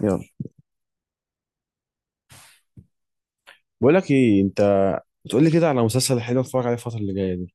يلا، بقول لك ايه انت، بتقول لي كده على مسلسل حلو اتفرج عليه الفتره اللي جايه دي.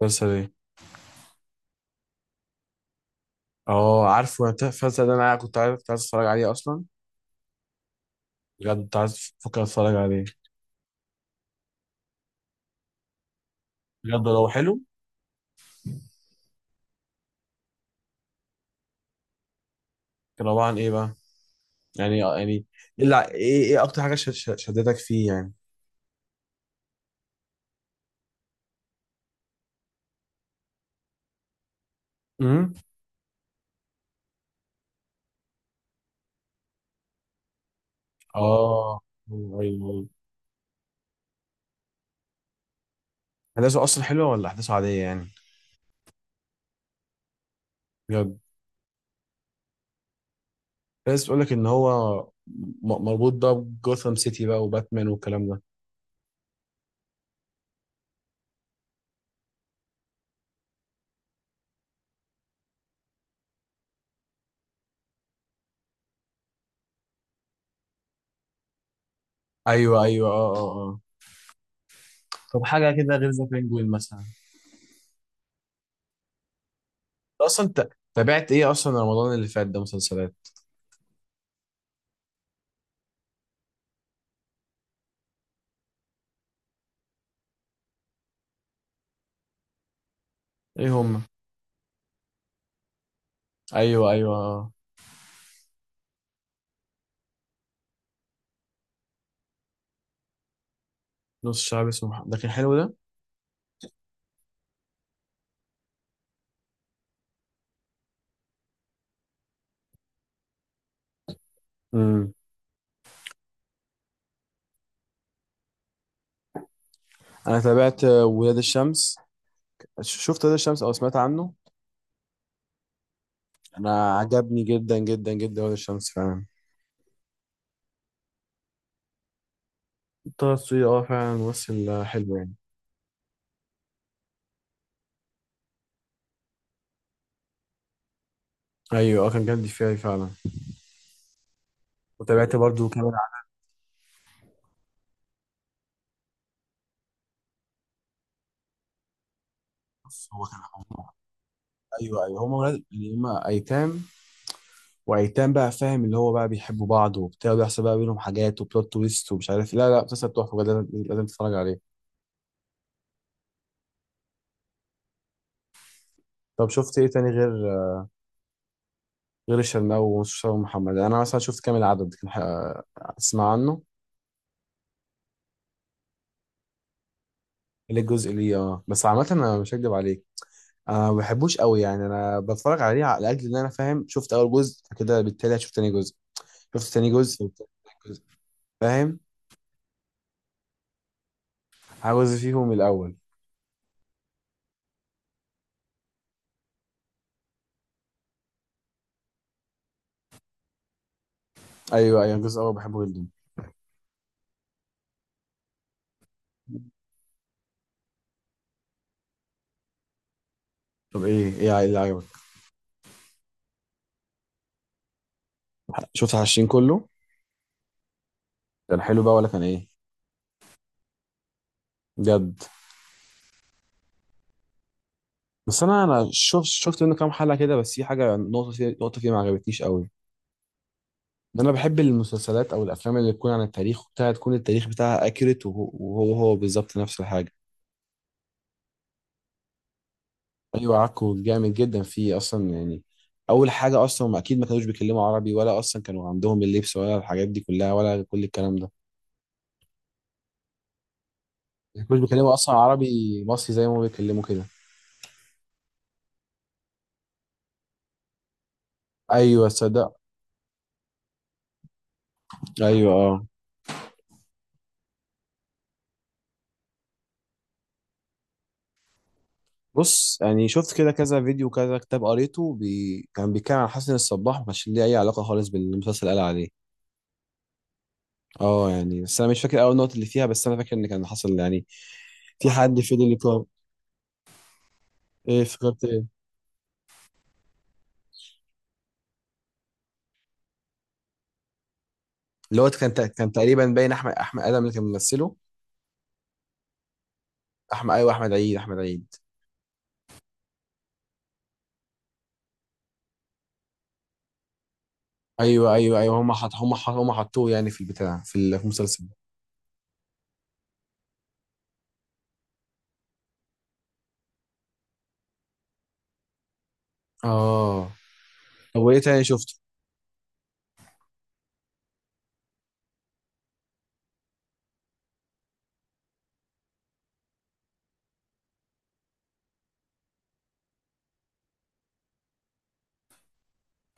مسلسل ايه؟ اه، عارفه. أنا المسلسل ده انا كنت عايز اتفرج عليه اصلا. بجد كنت عايز افكر اتفرج عليه. بجد لو حلو؟ كان عباره عن ايه بقى؟ يعني ايه اكتر حاجه شدتك فيه يعني؟ امم اه، ايوه، أيوه. احداثه اصلا حلوه ولا احداثه عاديه يعني؟ بجد؟ بس بتقول لك ان هو مربوط بقى بجوثام سيتي بقى وباتمان والكلام ده. ايوه، ايوه، اه، اه، اه. طب حاجه كده غير ذا بينجوين مثلا؟ اصلا انت تابعت ايه اصلا رمضان اللي فات ده مسلسلات؟ ايه هم؟ ايوه، ايوه، نص الشعب اسمه محمد ده كان حلو ده. امم. انا تابعت ولاد الشمس. شفت ولاد الشمس او سمعت عنه؟ انا عجبني جدا جدا جدا ولاد الشمس فعلا. طه دسوقي، اه فعلا ممثل حلو يعني. ايوه، اه كان جامد فيها فعلا. وتابعت برضو كامل عرف. هو كان حمار. ايوه، ايوه، هم ولاد اللي هم ايتام وايتام بقى فاهم. اللي هو بقى بيحبوا بعض وبتاع وبيحصل بقى بينهم حاجات وبلوت تويست ومش عارف إيه. لا، لا، مسلسل تحفه بجد، لازم لازم تتفرج عليه. طب شفت ايه تاني غير الشرنقة ومصطفى محمد؟ انا مثلا شفت كامل العدد كان اسمع عنه. اللي الجزء ليه اه. بس عامة انا مش هكدب عليك، انا ما بحبوش قوي يعني. انا بتفرج عليه لاجل ان انا فاهم، شفت اول جزء فكده بالتالي هشوف تاني جزء. شفت تاني جزء وبتاع تالت جزء فاهم. عاوز فيهم الاول. ايوه، ايوه، الجزء الاول بحبه جدا. طب ايه اللي عجبك؟ شفت 20 كله؟ كان حلو بقى ولا كان ايه؟ بجد؟ بس انا شفت منه كام حلقة كده. بس في حاجة نقطة فيه ما عجبتنيش قوي. ده انا بحب المسلسلات او الافلام اللي تكون عن التاريخ وبتاعها تكون التاريخ بتاعها اكيوريت. وهو بالظبط نفس الحاجه. ايوه، عكو جامد جدا فيه اصلا يعني. اول حاجه اصلا هم اكيد ما كانوش بيتكلموا عربي، ولا اصلا كانوا عندهم اللبس ولا الحاجات دي كلها ولا كل الكلام ده. ما كانوش بيتكلموا اصلا عربي مصري زي ما هم بيتكلموا كده. ايوه صدق. ايوه اه. بص يعني شفت كده كذا فيديو كذا كتاب قريته كان بيتكلم عن حسن الصباح، ما كانش ليه اي علاقه خالص بالمسلسل اللي قال عليه. اه يعني، بس انا مش فاكر اول نقطه اللي فيها. بس انا فاكر ان كان حصل يعني، في حد في اللي بتوع. ايه افتكرت ايه؟ اللي هو كان تقريبا باين احمد ادم اللي كان ممثله. احمد، ايوه، احمد عيد، احمد عيد. ايوه، ايوه، ايوه، هم حطوه يعني في البتاع في المسلسل. اه. طب وايه تاني شفته؟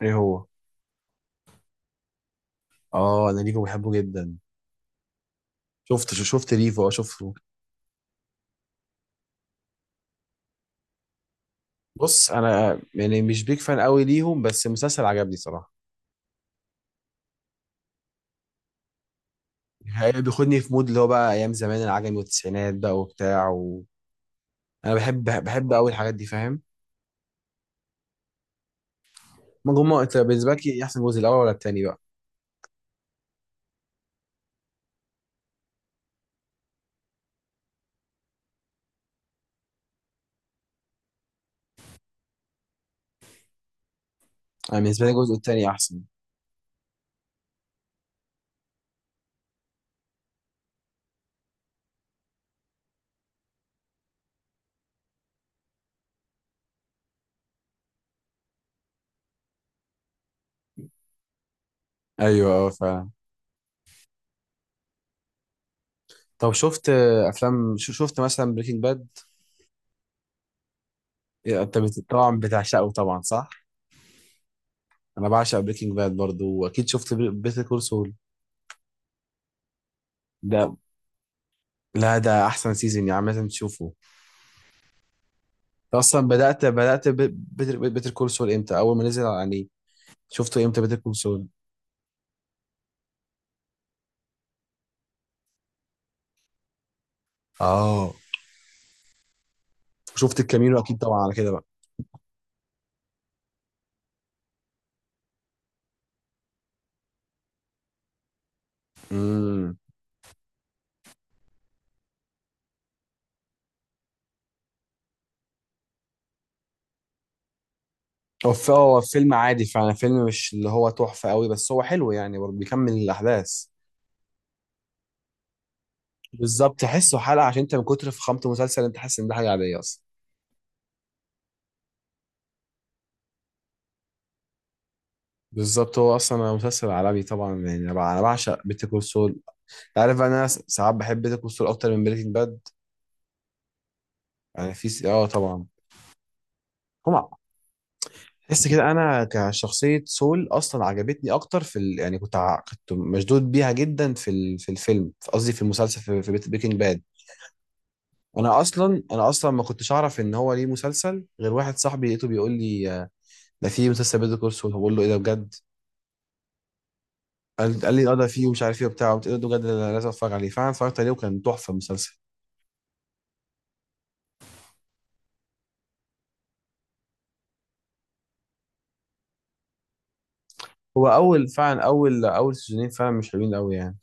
ايه هو؟ اه، انا ريفو بحبه جدا. شفت ريفو، اه شفته. بص انا يعني مش بيك فان قوي ليهم، بس المسلسل عجبني صراحه. بياخدني في مود اللي هو بقى ايام زمان العجمي والتسعينات بقى وبتاع انا بحب قوي الحاجات دي فاهم. ما هم انت بالنسبه لك إيه احسن جزء، الاول ولا التاني بقى؟ انا بالنسبه لي الجزء التاني احسن. ايوه، اه فعلا. طب شفت افلام، شفت مثلا بريكنج باد؟ انت طبعا بتعشقه طبعا، صح؟ انا بعشق بريكنج باد برضو، واكيد شفت بيتر كول سول. ده لا، ده احسن سيزون يعني، لازم تشوفه. انت اصلا بدات بيتر كول سول امتى، اول ما نزل يعني؟ شفته امتى بيتر كول سول؟ اه، شفت الكامينو اكيد طبعا على كده بقى. امم. هو فيلم عادي فعلا، فيلم مش اللي هو تحفه قوي، بس هو حلو يعني برضه بيكمل الاحداث. بالظبط تحسه حلقة، عشان انت من كتر فخامة المسلسل انت حاسس ان ده حاجة عادية اصلا. بالظبط، هو اصلا مسلسل عالمي طبعا يعني. انا أنا بعشق بيتر كول سول. عارف بقى، انا ساعات بحب بيتر كول سول اكتر من بريكنج باد. يعني في اه طبعا. هما تحس كده، انا كشخصية سول اصلا عجبتني اكتر في يعني كنت مشدود بيها جدا في في الفيلم قصدي في المسلسل، في بريكنج باد. انا اصلا ما كنتش اعرف ان هو ليه مسلسل، غير واحد صاحبي لقيته بيقول لي ده في مسلسل بيتر كول سول. بقول له ايه ده بجد؟ قال لي اه ده فيه ومش عارف ايه وبتاع. قلت له ده بجد، أنا لازم اتفرج عليه. فعلا اتفرجت عليه وكان تحفه المسلسل. هو اول فعلا، اول اول سيزونين فعلا مش حلوين قوي يعني.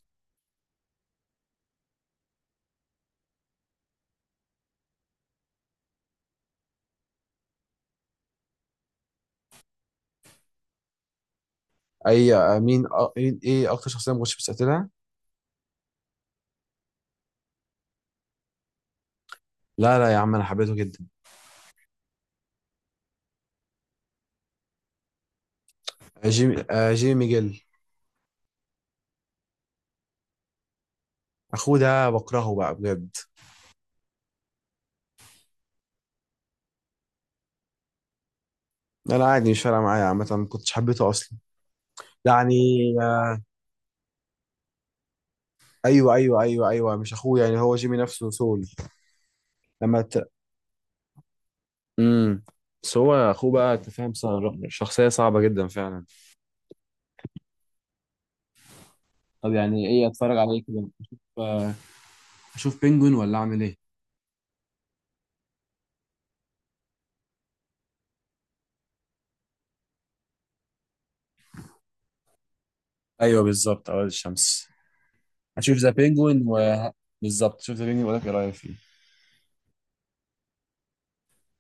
اي مين ايه اكتر شخصيه ما كنتش مستقتلها؟ لا، لا يا عم، انا حبيته جدا. جيمي ميجيل. اخوه ده بكرهه بقى بجد. انا عادي، مش فارقه معايا عامه، ما كنتش حبيته اصلا يعني. آه، ايوه، ايوه، ايوه، ايوه، مش اخوه يعني، هو جيمي نفسه سول. لما امم بس هو اخوه بقى، انت فاهم شخصيه صعبه جدا فعلا. طب يعني ايه، اتفرج على ايه كده، اشوف بينجوين ولا اعمل ايه؟ ايوه بالظبط، اول الشمس. هشوف ذا بينجوين بالظبط، شوف ذا بينجوين، ولا ايه رايك فيه؟